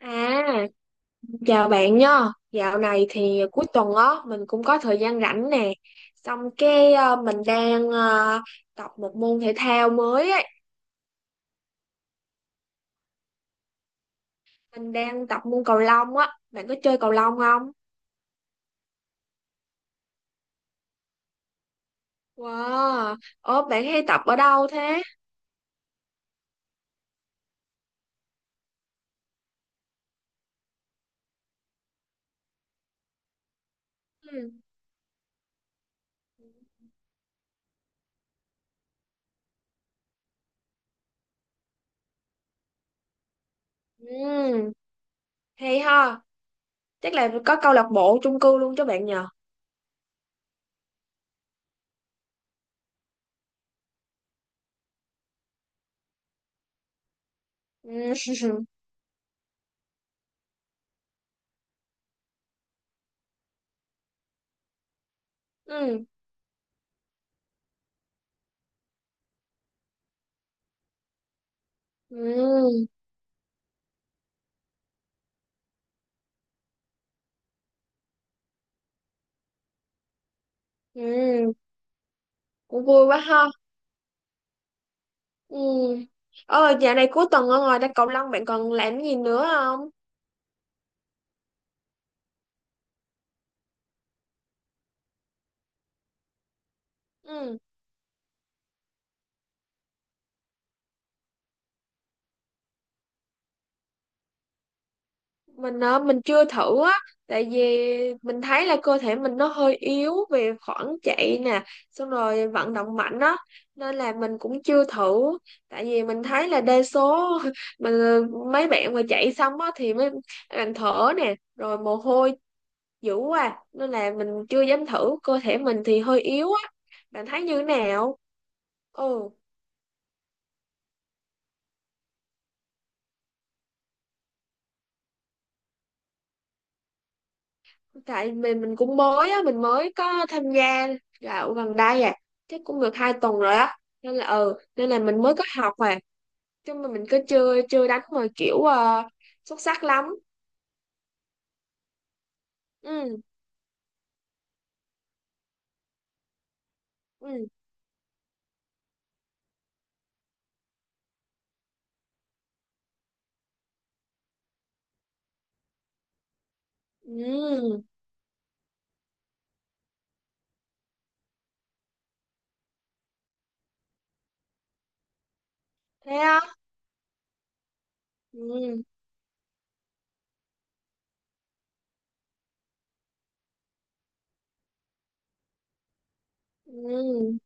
À, chào bạn nha. Dạo này thì cuối tuần á mình cũng có thời gian rảnh nè. Xong cái mình đang tập một môn thể thao mới ấy. Mình đang tập môn cầu lông á. Bạn có chơi cầu lông không? Wow. Ủa bạn hay tập ở đâu thế? Ừ. Ừ, hay ha. Chắc là có câu lạc bộ chung cư luôn cho bạn nhờ. Ừ. Ừ. Ừ. Ừ. Cũng vui quá ha. Ừ. Ờ, dạo này cuối tuần ở ngoài đá cầu lông bạn còn làm gì nữa không? Ừ. Mình mình chưa thử á, tại vì mình thấy là cơ thể mình nó hơi yếu về khoảng chạy nè, xong rồi vận động mạnh á, nên là mình cũng chưa thử. Tại vì mình thấy là đa số mình mấy bạn mà chạy xong á thì mới làm thở nè, rồi mồ hôi dữ quá, nên là mình chưa dám thử. Cơ thể mình thì hơi yếu á, bạn thấy như thế nào? Ừ. Tại mình cũng mới á, mình mới có tham gia dạo gần đây à, chắc cũng được hai tuần rồi á, nên là ừ, nên là mình mới có học mà. Chứ mà mình cứ chưa chưa đánh mà kiểu xuất sắc lắm. Ừ. Ừ. Ừ. Thế á. Ừ. Ừ.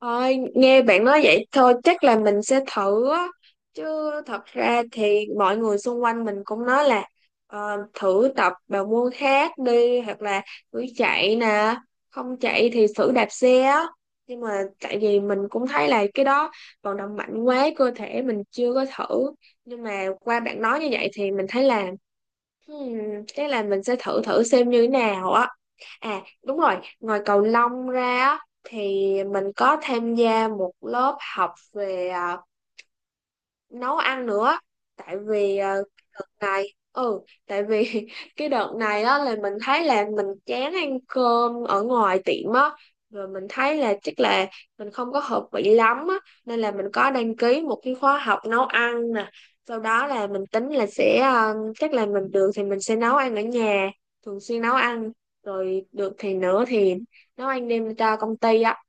Thôi, nghe bạn nói vậy thôi chắc là mình sẽ thử á. Chứ thật ra thì mọi người xung quanh mình cũng nói là ờ, thử tập bài môn khác đi hoặc là thử chạy nè, không chạy thì thử đạp xe á. Nhưng mà tại vì mình cũng thấy là cái đó vận động mạnh quá, cơ thể mình chưa có thử. Nhưng mà qua bạn nói như vậy thì mình thấy là hmm, chắc là mình sẽ thử thử xem như thế nào á. À, đúng rồi, ngoài cầu lông ra á, thì mình có tham gia một lớp học về à, nấu ăn nữa. Tại vì ờ, cái đợt này, ừ, tại vì cái đợt này á là mình thấy là mình chán ăn cơm ở ngoài tiệm á. Rồi mình thấy là chắc là mình không có hợp vị lắm á, nên là mình có đăng ký một cái khóa học nấu ăn nè. Sau đó là mình tính là sẽ ờ, chắc là mình được thì mình sẽ nấu ăn ở nhà, thường xuyên nấu ăn, rồi được thì nữa thì nấu ăn đem cho công ty á.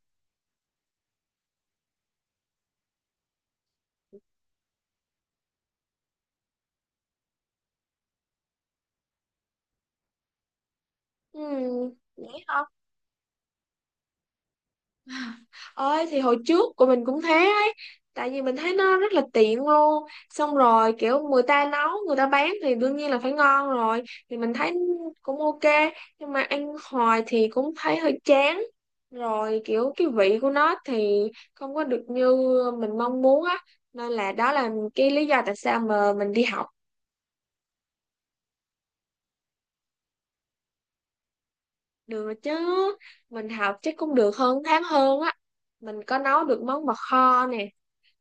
Ừ, vậy thôi. Ơi thì hồi trước của mình cũng thế ấy, tại vì mình thấy nó rất là tiện luôn. Xong rồi kiểu người ta nấu người ta bán thì đương nhiên là phải ngon rồi, thì mình thấy cũng ok. Nhưng mà ăn hoài thì cũng thấy hơi chán, rồi kiểu cái vị của nó thì không có được như mình mong muốn á, nên là đó là cái lý do tại sao mà mình đi học. Được rồi chứ, mình học chắc cũng được hơn tháng hơn á. Mình có nấu được món bò kho nè,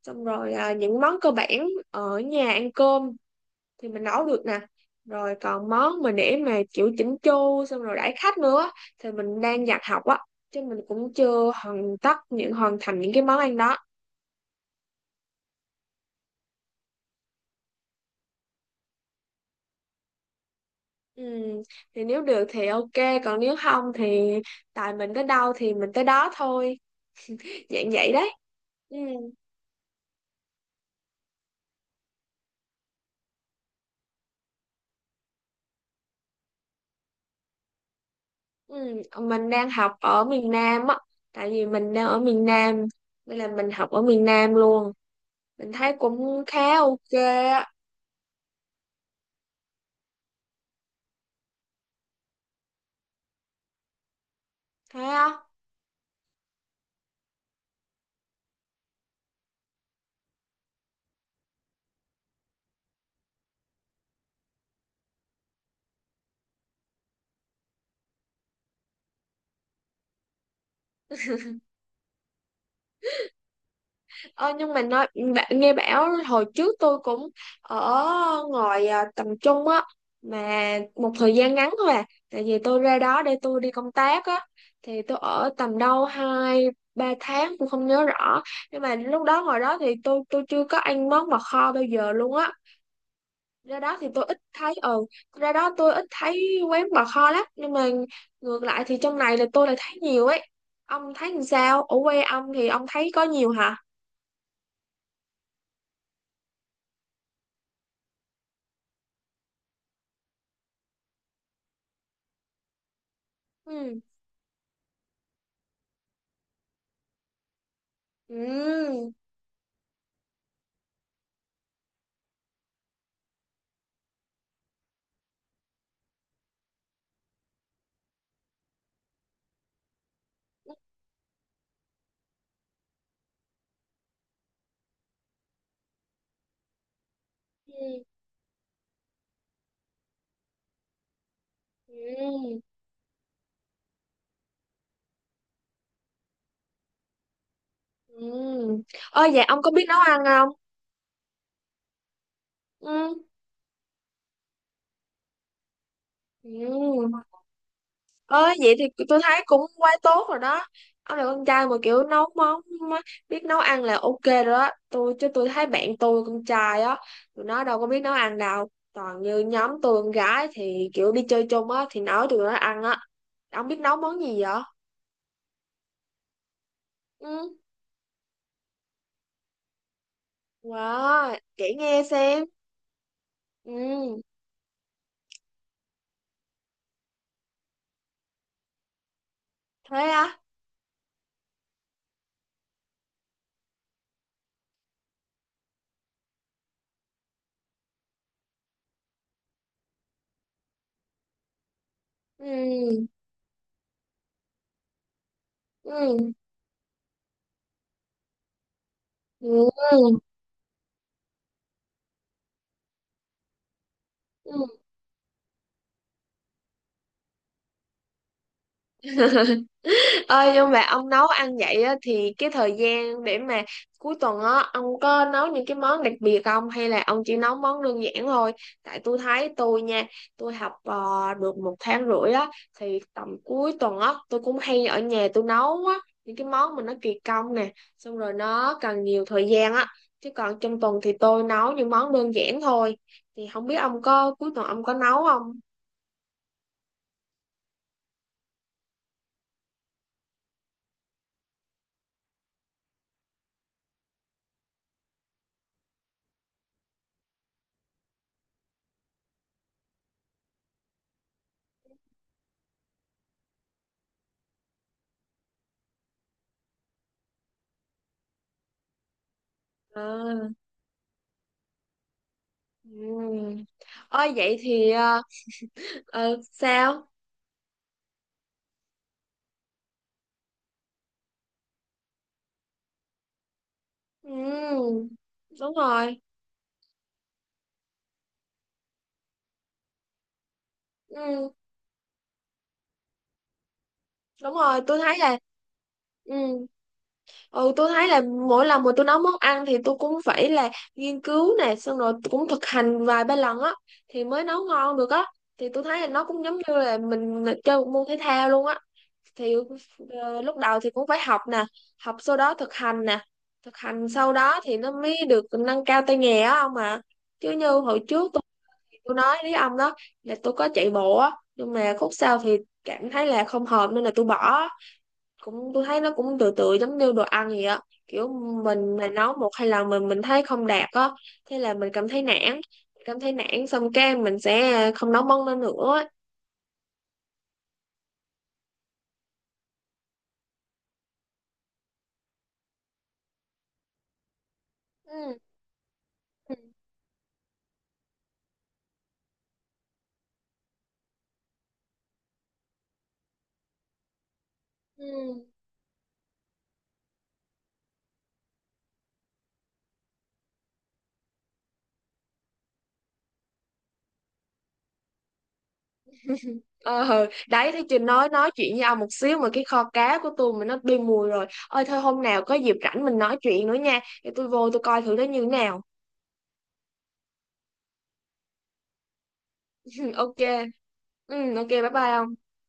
xong rồi à, những món cơ bản ở nhà ăn cơm thì mình nấu được nè. Rồi còn món mà để mà kiểu chỉnh chu xong rồi đãi khách nữa á, thì mình đang dạy học á, chứ mình cũng chưa hoàn tất những hoàn thành những cái món ăn đó. Ừ, thì nếu được thì ok, còn nếu không thì tài mình tới đâu thì mình tới đó thôi, dạng vậy đấy. Ừ, ừ. Mình đang học ở miền Nam á, tại vì mình đang ở miền Nam, nên là mình học ở miền Nam luôn. Mình thấy cũng khá ok á. Thế á? Ờ, nhưng mà nói bạn nghe, bảo hồi trước tôi cũng ở ngoài à, tầm trung á, mà một thời gian ngắn thôi à, tại vì tôi ra đó để tôi đi công tác á. Thì tôi ở tầm đâu hai ba tháng cũng không nhớ rõ, nhưng mà lúc đó ngoài đó thì tôi chưa có ăn món bò kho bao giờ luôn á. Ra đó thì tôi ít thấy, ừ, ra đó tôi ít thấy quán bò kho lắm, nhưng mà ngược lại thì trong này là tôi lại thấy nhiều ấy. Ông thấy làm sao, ở quê ông thì ông thấy có nhiều hả? Ừ. Ừ. Ừ. Ừ. Ừ. Ừ. Ơ vậy ông có biết nấu ăn không? Ừ. Ừ. Ơ vậy thì tôi thấy cũng quá tốt rồi đó. Ông là con trai mà kiểu nấu món, biết nấu ăn là ok rồi đó. Tôi, chứ tôi thấy bạn tôi con trai á, tụi nó đâu có biết nấu ăn đâu. Toàn như nhóm tôi con gái thì kiểu đi chơi chung á thì nói tụi nó ăn á. Ông biết nấu món gì vậy? Ừ. Wow, kể nghe xem. Ừ, thế á. Ừ. Ừ. Ừ. Ừ. Ơi nhưng mà ông nấu ăn vậy á, thì cái thời gian để mà cuối tuần á ông có nấu những cái món đặc biệt không hay là ông chỉ nấu món đơn giản thôi? Tại tôi thấy tôi nha, tôi học được một tháng rưỡi á, thì tầm cuối tuần á tôi cũng hay ở nhà tôi nấu á những cái món mà nó kỳ công nè, xong rồi nó cần nhiều thời gian á. Chứ còn trong tuần thì tôi nấu những món đơn giản thôi. Thì không biết ông có cuối tuần ông có nấu không? À, ừ. Ơi vậy thì ờ, ừ sao? Ừ đúng rồi. Ừ đúng rồi, tôi thấy là, ừ, ừ, tôi thấy là mỗi lần mà tôi nấu món ăn thì tôi cũng phải là nghiên cứu nè, xong rồi cũng thực hành vài ba lần á, thì mới nấu ngon được á. Thì tôi thấy là nó cũng giống như là mình chơi một môn thể thao luôn á. Thì lúc đầu thì cũng phải học nè, học sau đó thực hành nè, thực hành sau đó thì nó mới được nâng cao tay nghề á không mà. Chứ như hồi trước tôi nói với ông đó, là tôi có chạy bộ á nhưng mà khúc sau thì cảm thấy là không hợp nên là tôi bỏ. Cũng tôi thấy nó cũng tự tự giống như đồ ăn vậy á, kiểu mình mà nấu một hai lần mình thấy không đạt á, thế là mình cảm thấy nản. Cảm thấy nản xong cái mình sẽ không nấu món đó nữa á. Ừ. Ừ. Ừ. Ờ đấy, thì chị nói chuyện với ông một xíu mà cái kho cá của tôi mà nó đi mùi rồi. Ơi thôi, hôm nào có dịp rảnh mình nói chuyện nữa nha, để tôi vô tôi coi thử nó như thế nào. Ok. Ừ, ok, bye bye ông.